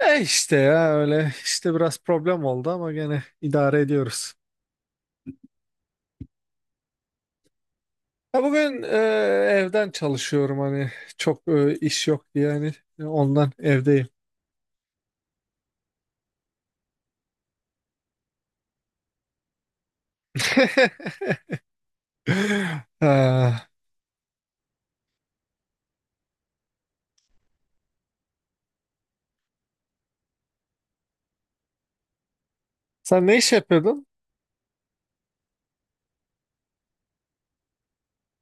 E işte ya öyle işte biraz problem oldu ama gene idare ediyoruz. Ya bugün evden çalışıyorum, hani çok iş yok diye, hani ondan evdeyim. Ha, sen ne iş yapıyordun?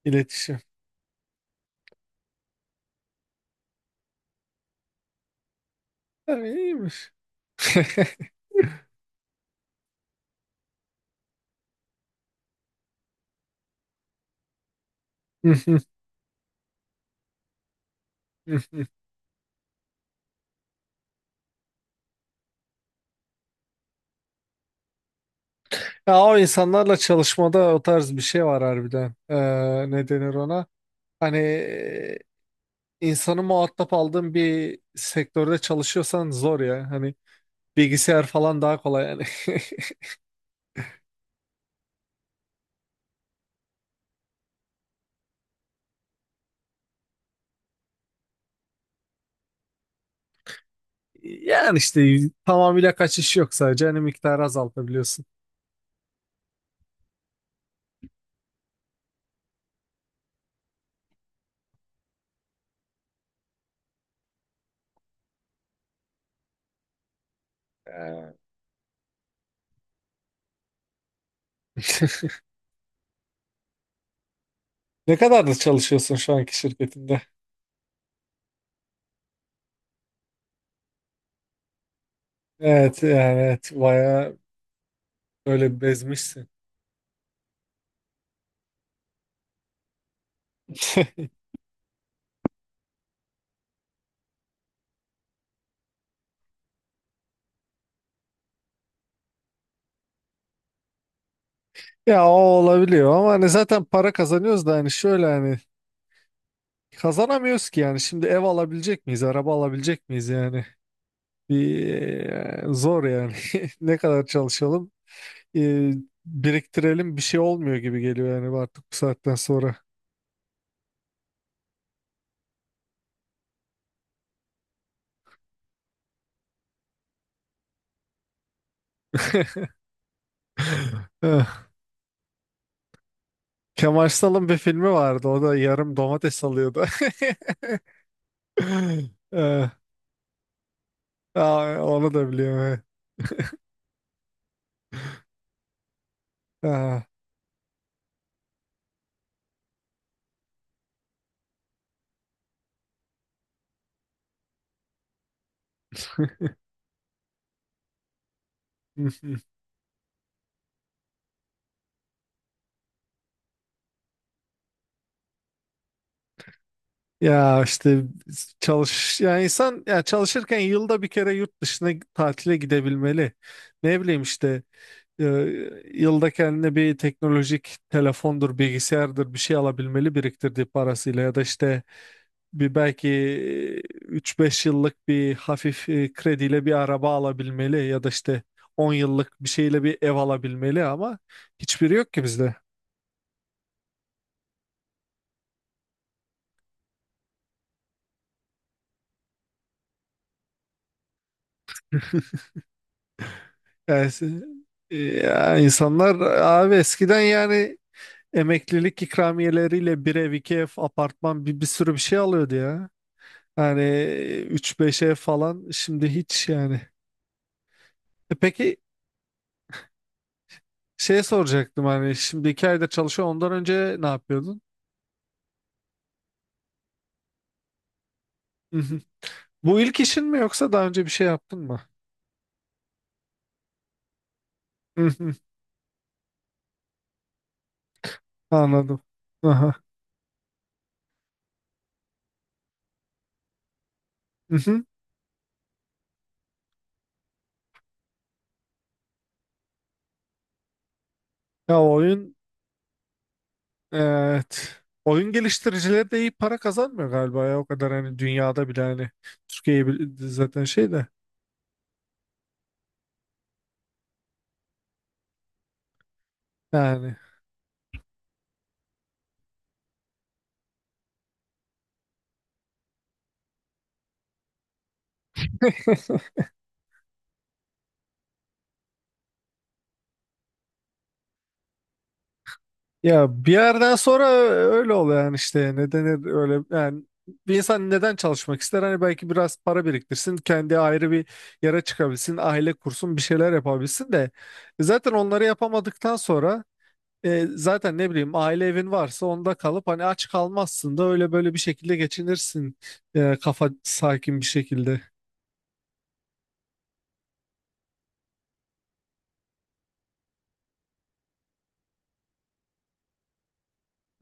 İletişim. Ha, iyiymiş. Ya o insanlarla çalışmada o tarz bir şey var harbiden. Ne denir ona? Hani, insanı muhatap aldığın bir sektörde çalışıyorsan zor ya. Hani bilgisayar falan daha kolay yani. Yani işte tamamıyla kaçış yok, sadece hani miktarı azaltabiliyorsun. Ee, Ne kadardır çalışıyorsun şu anki şirketinde? Evet, yani evet, bayağı böyle bezmişsin. Ya o olabiliyor ama hani zaten para kazanıyoruz da hani şöyle hani kazanamıyoruz ki yani. Şimdi ev alabilecek miyiz, araba alabilecek miyiz yani? Bir Zor yani. Ne kadar çalışalım, e, biriktirelim, bir şey olmuyor gibi geliyor yani artık bu saatten sonra. Eh, Kemal Sal'ın bir filmi vardı. O da yarım domates alıyordu. Eh, aa, onu da biliyorum, evet. Ah. Ya işte çalış yani. İnsan ya çalışırken yılda bir kere yurt dışına tatile gidebilmeli. Ne bileyim işte, e, yılda kendine bir teknolojik, telefondur, bilgisayardır, bir şey alabilmeli biriktirdiği parasıyla, ya da işte bir belki 3-5 yıllık bir hafif krediyle bir araba alabilmeli, ya da işte 10 yıllık bir şeyle bir ev alabilmeli, ama hiçbiri yok ki bizde. Yani, ya insanlar abi eskiden yani emeklilik ikramiyeleriyle bir ev, iki ev, apartman, bir sürü bir şey alıyordu ya. Yani 3-5 ev falan, şimdi hiç yani. E peki, şey soracaktım, hani şimdi iki ayda çalışıyor, ondan önce ne yapıyordun? Bu ilk işin mi, yoksa daha önce bir şey yaptın mı? Hı hı. Anladım. Aha. Hı hı. Ya oyun, evet. Oyun geliştiricileri de iyi para kazanmıyor galiba ya, o kadar hani dünyada bile, hani Türkiye bile- zaten şey de yani. Ya bir yerden sonra öyle oluyor yani. İşte neden öyle yani, bir insan neden çalışmak ister? Hani belki biraz para biriktirsin, kendi ayrı bir yere çıkabilsin, aile kursun, bir şeyler yapabilsin de. E zaten onları yapamadıktan sonra, E, zaten, ne bileyim, aile evin varsa onda kalıp hani aç kalmazsın da öyle böyle bir şekilde geçinirsin, kafa sakin bir şekilde.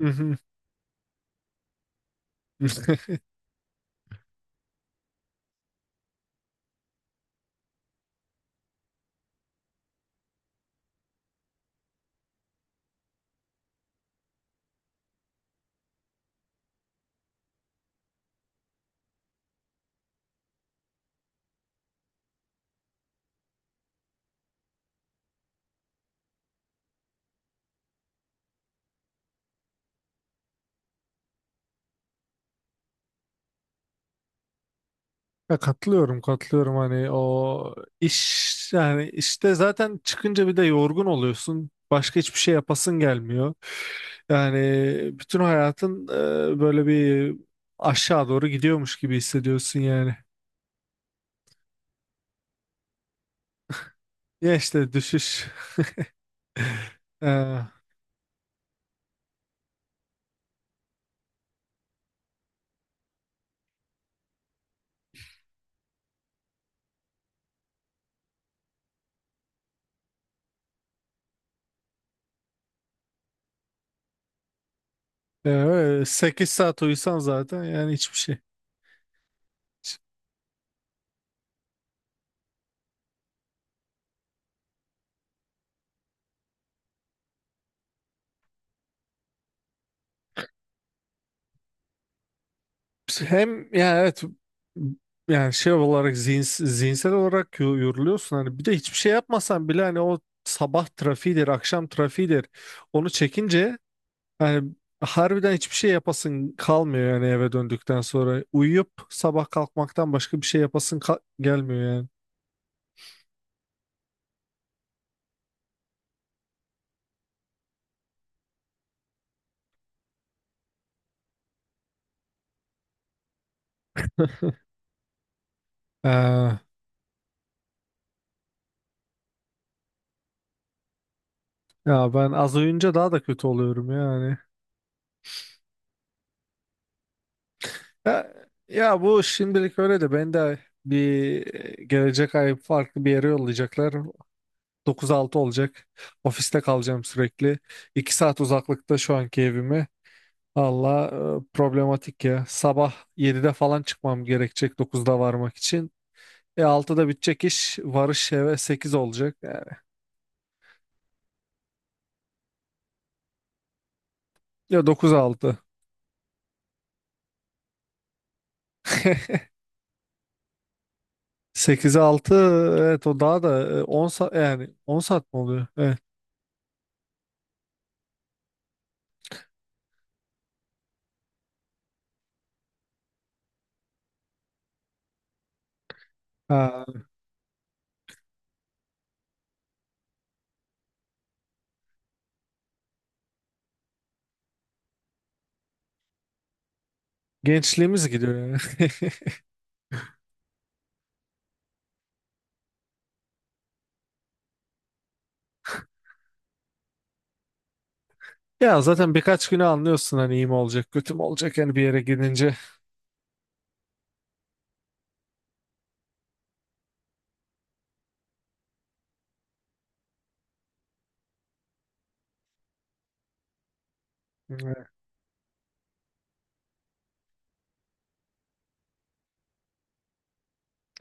Hı hı. Ya katılıyorum, katılıyorum, hani o iş yani. İşte zaten çıkınca bir de yorgun oluyorsun. Başka hiçbir şey yapasın gelmiyor. Yani bütün hayatın böyle bir aşağı doğru gidiyormuş gibi hissediyorsun yani. Ya işte düşüş. E, 8 saat uyusan zaten yani hiçbir şey. Hem yani evet, yani şey olarak zihinsel olarak yoruluyorsun hani, bir de hiçbir şey yapmasan bile hani o sabah trafiğidir, akşam trafiğidir, onu çekince hani harbiden hiçbir şey yapasın kalmıyor yani. Eve döndükten sonra uyuyup sabah kalkmaktan başka bir şey yapasın gelmiyor yani. Ee, Ya ben az uyuyunca daha da kötü oluyorum yani. Ya, Ya bu şimdilik öyle de, ben de bir gelecek ay farklı bir yere yollayacaklar. Dokuz altı olacak. Ofiste kalacağım sürekli. 2 saat uzaklıkta şu anki evime. Allah, problematik ya. Sabah 7'de falan çıkmam gerekecek dokuzda varmak için. E 6'da bitecek iş. Varış eve 8 olacak. Yani, ya dokuz altı. 8'e altı. Evet, o daha da 10 saat, yani on saat mi oluyor? Evet. Ha, gençliğimiz gidiyor yani. Ya zaten birkaç güne anlıyorsun hani iyi mi olacak, kötü mü olacak yani, bir yere gidince. Evet.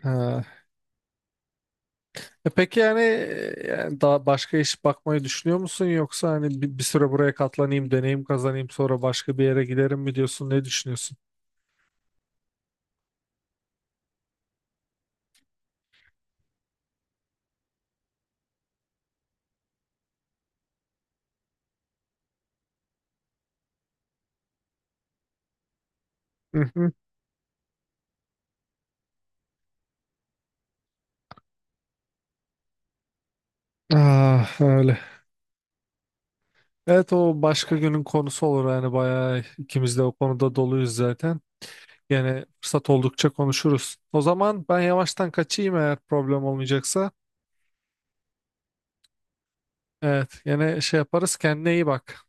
Ha. E peki yani, yani daha başka iş bakmayı düşünüyor musun, yoksa hani bir süre buraya katlanayım, deneyim kazanayım, sonra başka bir yere giderim mi diyorsun? Ne düşünüyorsun? Hı hı. Ah, öyle. Evet, o başka günün konusu olur yani, bayağı ikimiz de o konuda doluyuz zaten. Yani fırsat oldukça konuşuruz. O zaman ben yavaştan kaçayım eğer problem olmayacaksa. Evet, yine şey yaparız. Kendine iyi bak.